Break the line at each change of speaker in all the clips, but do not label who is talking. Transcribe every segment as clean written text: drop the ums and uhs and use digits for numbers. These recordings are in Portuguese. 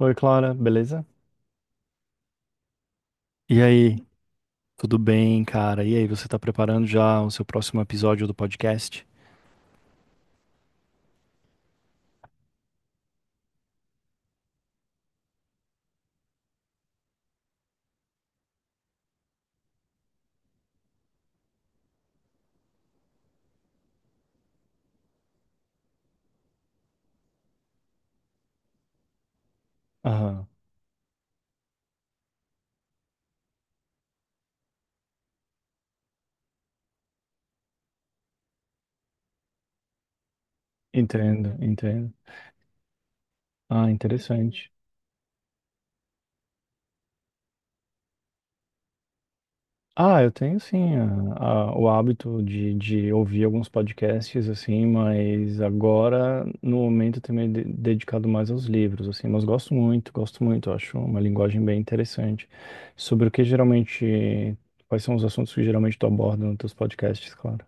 Oi, Clara, beleza? E aí, tudo bem, cara? E aí, você tá preparando já o seu próximo episódio do podcast? Aham, entendo. Ah, interessante. Ah, eu tenho sim o hábito de, ouvir alguns podcasts, assim, mas agora, no momento, eu tenho dedicado mais aos livros, assim, mas gosto muito, acho uma linguagem bem interessante. Sobre o que geralmente, quais são os assuntos que geralmente tu aborda nos teus podcasts, Clara?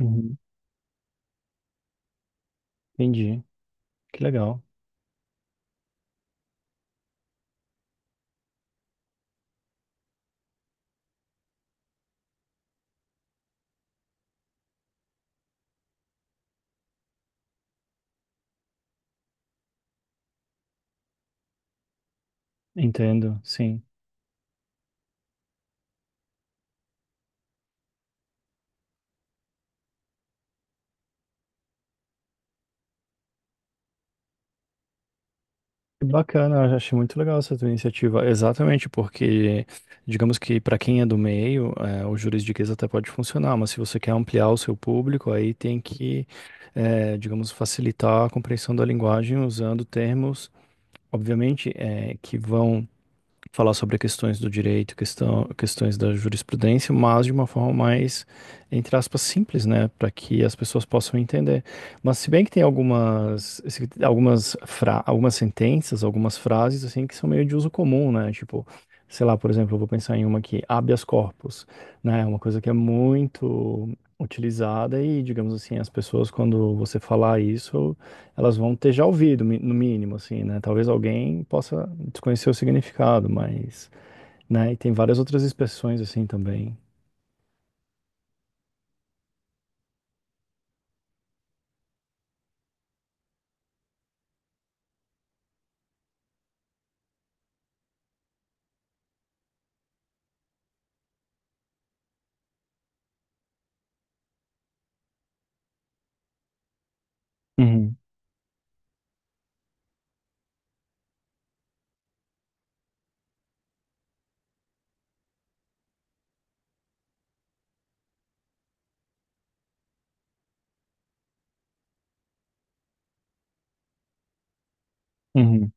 Uhum. Entendi, que legal. Entendo, sim. Que bacana, eu achei muito legal essa tua iniciativa. Exatamente, porque digamos que para quem é do meio, o juridiquês até pode funcionar, mas se você quer ampliar o seu público, aí tem que, digamos, facilitar a compreensão da linguagem usando termos, obviamente, que vão falar sobre questões do direito, questões da jurisprudência, mas de uma forma mais, entre aspas, simples, né, para que as pessoas possam entender. Mas se bem que tem algumas, algumas sentenças, algumas frases, assim, que são meio de uso comum, né, tipo, sei lá, por exemplo, eu vou pensar em uma aqui, habeas corpus, né? É uma coisa que é muito utilizada e, digamos assim, as pessoas, quando você falar isso, elas vão ter já ouvido, no mínimo, assim, né? Talvez alguém possa desconhecer o significado, mas, né? E tem várias outras expressões assim também. Uhum, uhum.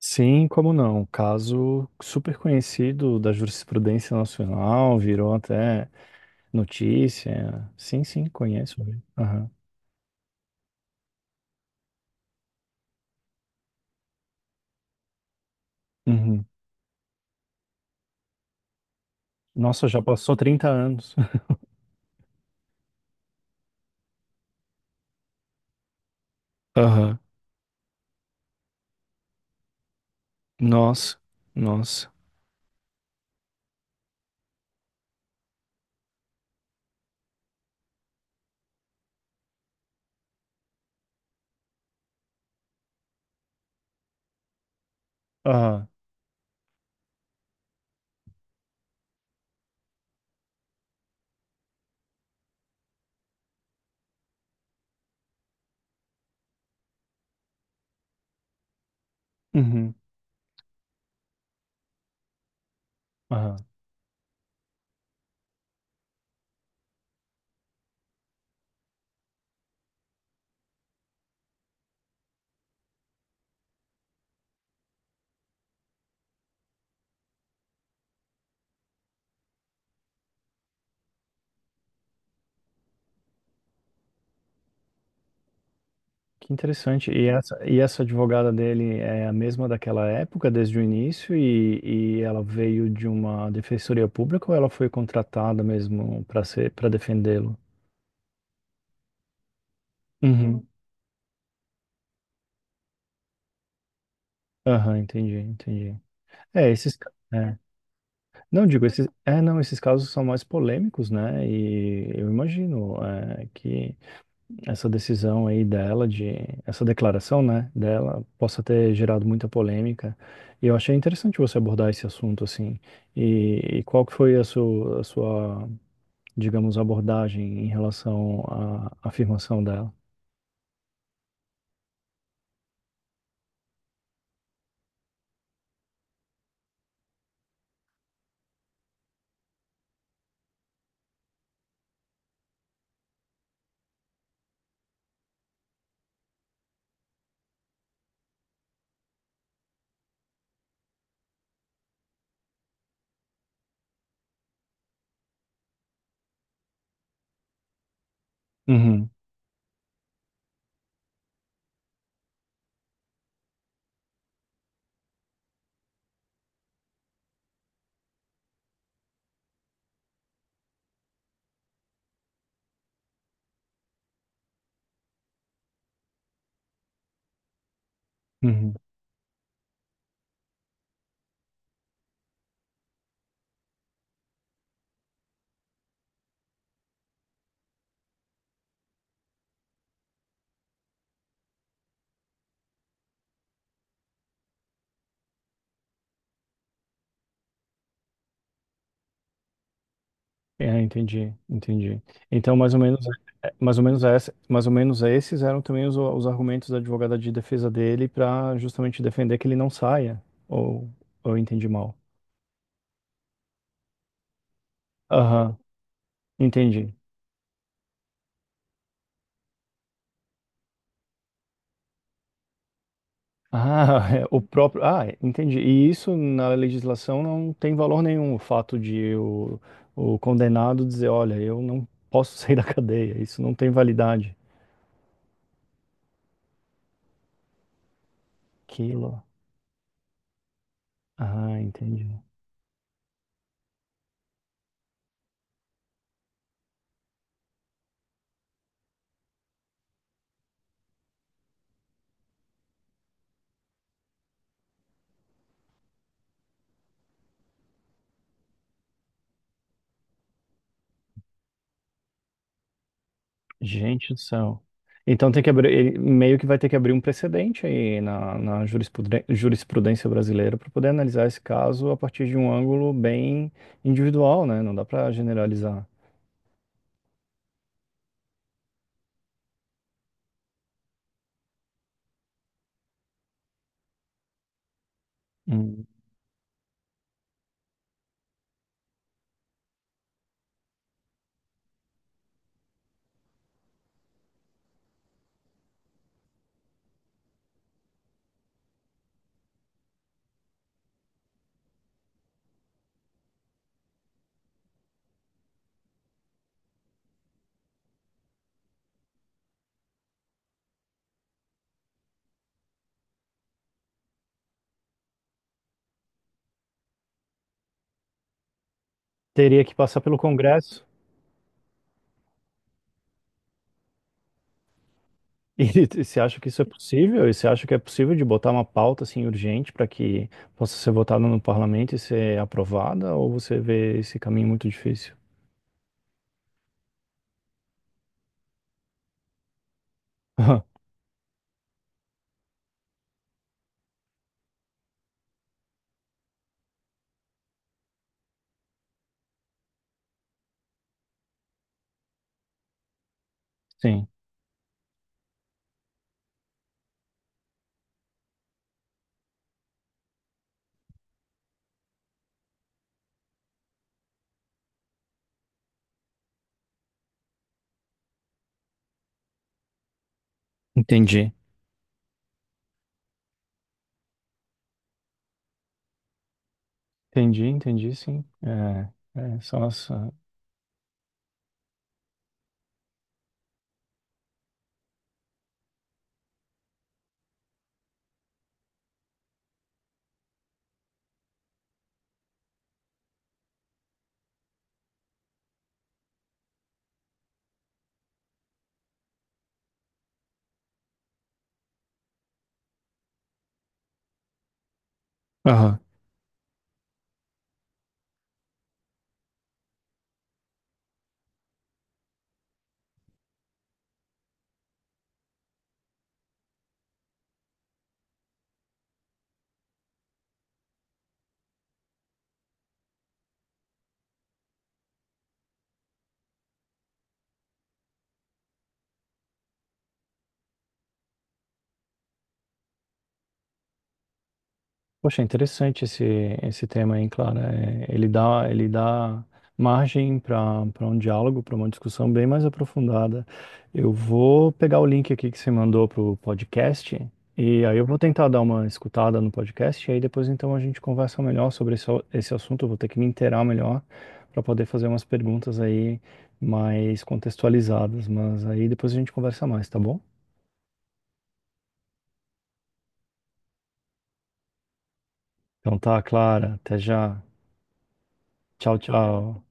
Sim, como não? Caso super conhecido da jurisprudência nacional, virou até notícia. Sim, sim, conheço. Aham. Uhum. Nossa, já passou 30 anos. Aham. Nossa, nossa. Aham. Uhum. Aham. Que interessante. E essa advogada dele é a mesma daquela época, desde o início, e ela veio de uma defensoria pública ou ela foi contratada mesmo para ser, para defendê-lo? Uhum. Aham, entendi. É. Não, digo, esses, é, não, esses casos são mais polêmicos, né? E eu imagino, é, que essa decisão aí dela, de essa declaração, né, dela, possa ter gerado muita polêmica. E eu achei interessante você abordar esse assunto assim. E qual que foi a sua, digamos, abordagem em relação à afirmação dela? Uhum, uhum. É, entendi. Então, mais ou menos, é, mais ou menos essa, mais ou menos esses eram também os argumentos da advogada de defesa dele para justamente defender que ele não saia, ou eu entendi mal. Aham, entendi. Ah, é, o próprio. Ah, é, entendi. E isso na legislação não tem valor nenhum, o fato de o condenado dizer, olha, eu não posso sair da cadeia, isso não tem validade. Quilo. Ah, entendi. Gente do céu. Então tem que abrir, ele meio que vai ter que abrir um precedente aí na, na jurisprudência brasileira para poder analisar esse caso a partir de um ângulo bem individual, né? Não dá para generalizar. Hum. Teria que passar pelo Congresso. E você acha que isso é possível? E você acha que é possível de botar uma pauta assim urgente para que possa ser votada no parlamento e ser aprovada? Ou você vê esse caminho muito difícil? Sim, entendi. Entendi, sim. É, é, são as. Aham. Poxa, é interessante esse tema, hein, Clara? É, ele dá margem para para um diálogo, para uma discussão bem mais aprofundada. Eu vou pegar o link aqui que você mandou para o podcast e aí eu vou tentar dar uma escutada no podcast e aí depois então a gente conversa melhor sobre esse assunto. Eu vou ter que me inteirar melhor para poder fazer umas perguntas aí mais contextualizadas, mas aí depois a gente conversa mais, tá bom? Então tá, Clara, até já. Tchau, tchau.